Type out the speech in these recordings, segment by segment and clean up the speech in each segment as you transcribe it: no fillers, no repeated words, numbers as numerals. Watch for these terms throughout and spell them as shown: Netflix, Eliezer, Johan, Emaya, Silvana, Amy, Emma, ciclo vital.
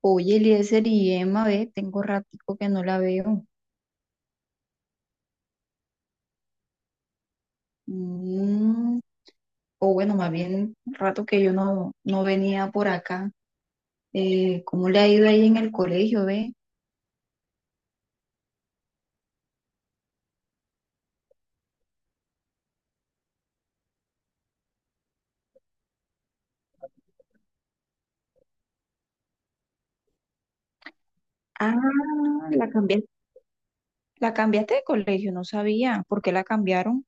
Oye, Eliezer y Emma, ve, tengo ratico que no la veo. Mm, o bueno, más bien rato que yo no venía por acá. ¿cómo le ha ido ahí en el colegio, ve? Ah, la cambié, la cambiaste de colegio, no sabía por qué la cambiaron.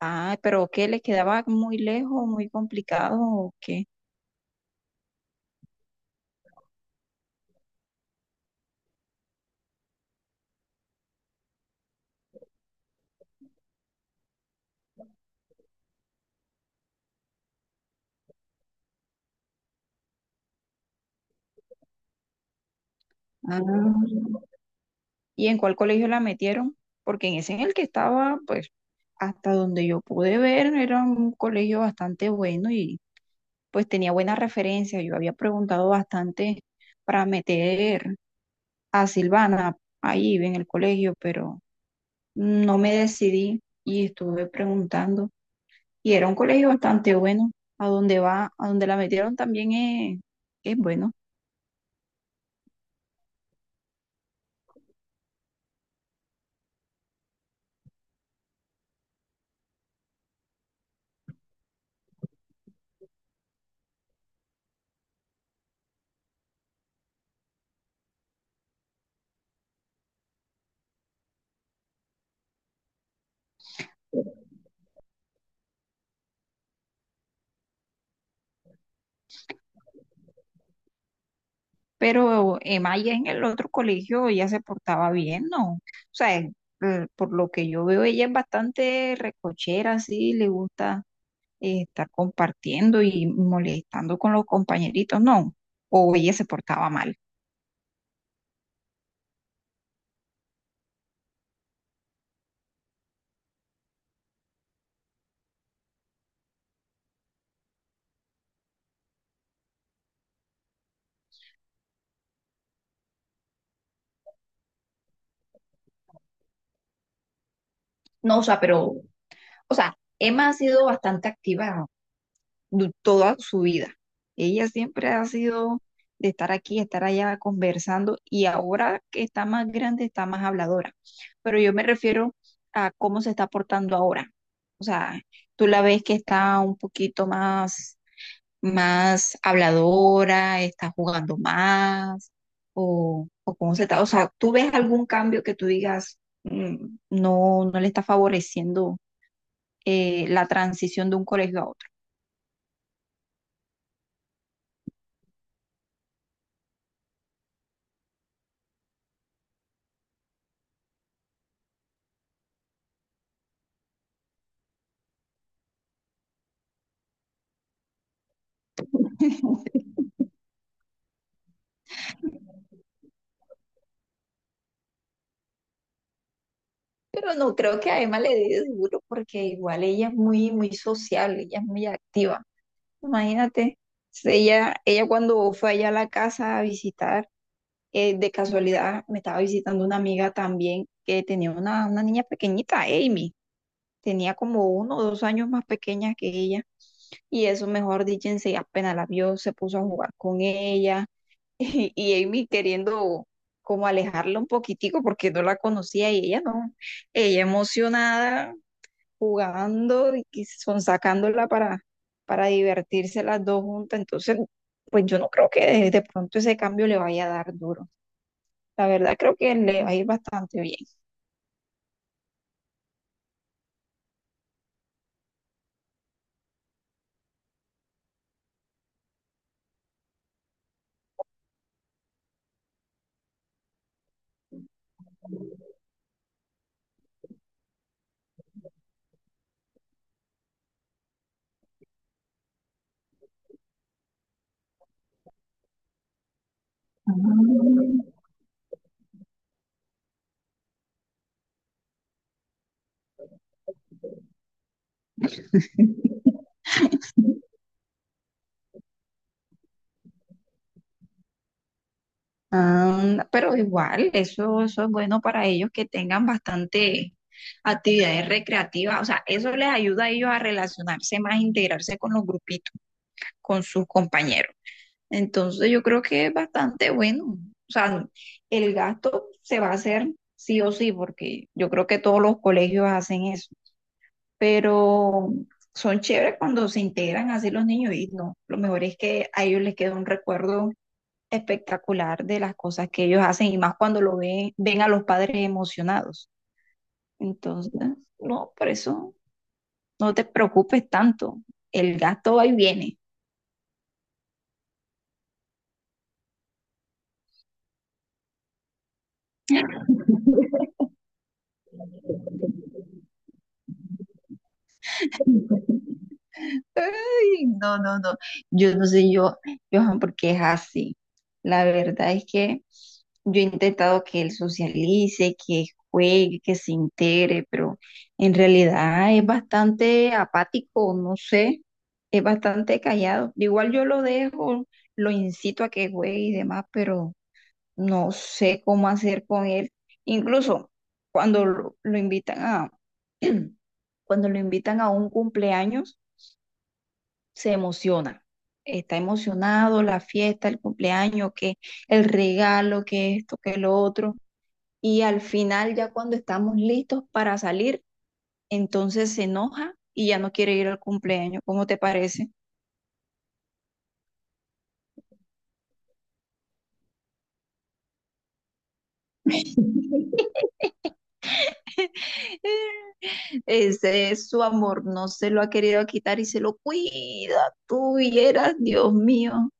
Ah, pero ¿qué? ¿Les quedaba muy lejos, muy complicado o qué? Ah, ¿y en cuál colegio la metieron? Porque en ese en el que estaba, pues, hasta donde yo pude ver, era un colegio bastante bueno y pues tenía buenas referencias. Yo había preguntado bastante para meter a Silvana ahí en el colegio, pero no me decidí y estuve preguntando. Y era un colegio bastante bueno. A donde va, a donde la metieron también es bueno. Pero Emaya en el otro colegio ya se portaba bien, ¿no? O sea, por lo que yo veo, ella es bastante recochera, sí, le gusta estar compartiendo y molestando con los compañeritos, no. O ella se portaba mal. No, o sea, pero, o sea, Emma ha sido bastante activa toda su vida. Ella siempre ha sido de estar aquí, estar allá conversando y ahora que está más grande está más habladora. Pero yo me refiero a cómo se está portando ahora. O sea, tú la ves que está un poquito más más habladora, está jugando más, o cómo se está. O sea, ¿tú ves algún cambio que tú digas no, no le está favoreciendo la transición de un colegio a otro? Pero no creo que a Emma le dé duro porque igual ella es muy, muy sociable, ella es muy activa. Imagínate, si ella cuando fue allá a la casa a visitar, de casualidad me estaba visitando una amiga también que tenía una niña pequeñita, Amy. Tenía como uno o dos años más pequeña que ella. Y eso, mejor dicho, apenas la vio, se puso a jugar con ella. Y Amy queriendo como alejarla un poquitico porque no la conocía y ella no. Ella emocionada, jugando y que son sacándola para divertirse las dos juntas. Entonces, pues yo no creo que de pronto ese cambio le vaya a dar duro. La verdad creo que le va a ir bastante bien. Ah, pero igual, eso es bueno para ellos que tengan bastante actividades recreativas. O sea, eso les ayuda a ellos a relacionarse más, a integrarse con los grupitos, con sus compañeros. Entonces, yo creo que es bastante bueno. O sea, el gasto se va a hacer sí o sí, porque yo creo que todos los colegios hacen eso. Pero son chéveres cuando se integran así los niños y no, lo mejor es que a ellos les queda un recuerdo espectacular de las cosas que ellos hacen y más cuando lo ven, ven a los padres emocionados. Entonces, no, por eso no te preocupes tanto, el gasto va y viene. Ay, no, no, no. Yo no sé yo, Johan, por qué es así. La verdad es que yo he intentado que él socialice, que juegue, que se integre, pero en realidad es bastante apático, no sé, es bastante callado. Igual yo lo dejo, lo incito a que juegue y demás, pero no sé cómo hacer con él. Incluso cuando lo invitan a, cuando lo invitan a un cumpleaños se emociona. Está emocionado, la fiesta, el cumpleaños, que el regalo, que esto, que lo otro. Y al final, ya cuando estamos listos para salir, entonces se enoja y ya no quiere ir al cumpleaños. ¿Cómo te parece? Ese es su amor, no se lo ha querido quitar y se lo cuida tú y eras, Dios mío.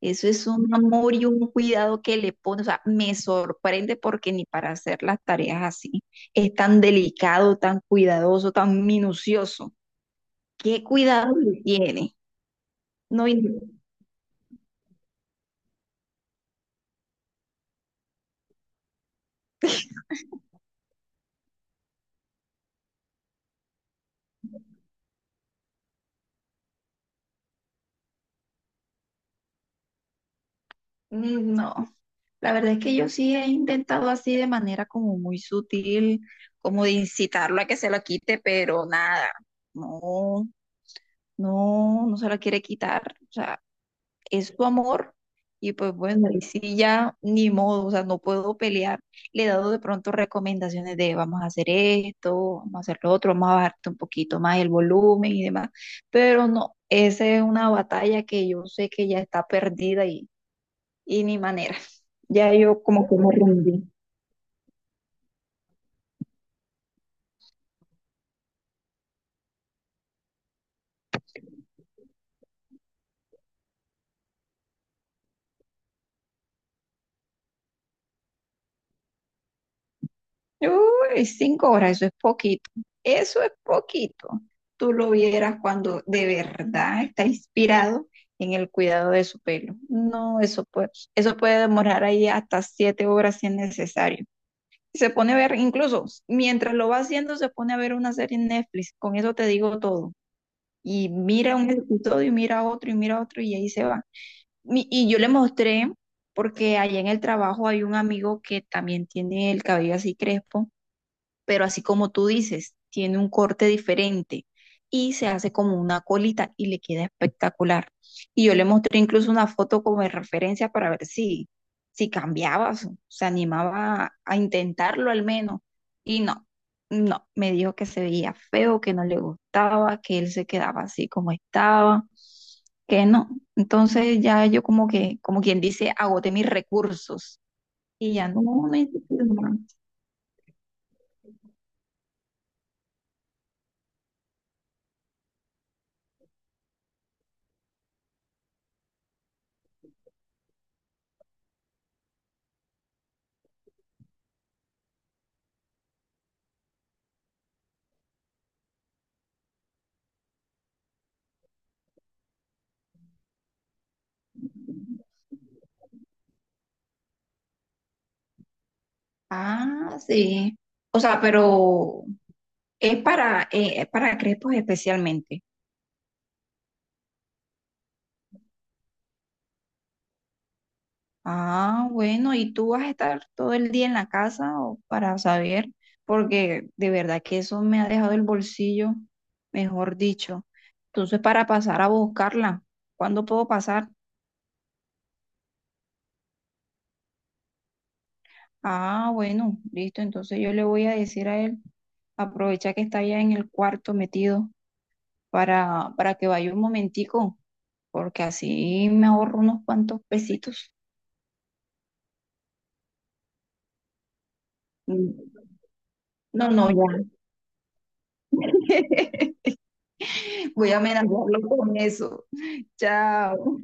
Eso es un amor y un cuidado que le pone, o sea, me sorprende porque ni para hacer las tareas así es tan delicado, tan cuidadoso, tan minucioso. ¿Qué cuidado le tiene? No, in- no. La verdad es que yo sí he intentado así de manera como muy sutil, como de incitarlo a que se lo quite, pero nada, no, no, no se lo quiere quitar. O sea, es su amor y pues bueno, y sí ya ni modo, o sea, no puedo pelear. Le he dado de pronto recomendaciones de vamos a hacer esto, vamos a hacer lo otro, vamos a bajarte un poquito más el volumen y demás, pero no, esa es una batalla que yo sé que ya está perdida y ni manera. Ya yo como que me rendí. Uy, 5 horas, eso es poquito. Eso es poquito. Tú lo vieras cuando de verdad está inspirado en el cuidado de su pelo. No, eso puede demorar ahí hasta 7 horas si es necesario. Se pone a ver, incluso mientras lo va haciendo, se pone a ver una serie en Netflix. Con eso te digo todo. Y mira un episodio y mira otro y mira otro y ahí se va. Y yo le mostré, porque allá en el trabajo hay un amigo que también tiene el cabello así crespo, pero así como tú dices, tiene un corte diferente y se hace como una colita y le queda espectacular. Y yo le mostré incluso una foto como de referencia para ver si, si cambiaba, se animaba a intentarlo al menos. Y no, no, me dijo que se veía feo, que no le gustaba, que él se quedaba así como estaba, que no. Entonces ya yo como que, como quien dice, agoté mis recursos y ya no. Ah, sí. O sea, pero es para crepos especialmente. Ah, bueno, ¿y tú vas a estar todo el día en la casa o para saber? Porque de verdad que eso me ha dejado el bolsillo, mejor dicho. Entonces, para pasar a buscarla, ¿cuándo puedo pasar? Ah, bueno, listo. Entonces yo le voy a decir a él, aprovecha que está allá en el cuarto metido para que vaya un momentico, porque así me ahorro unos cuantos pesitos. Mm, no, no, ya. Voy a amenazarlo con eso. Chao.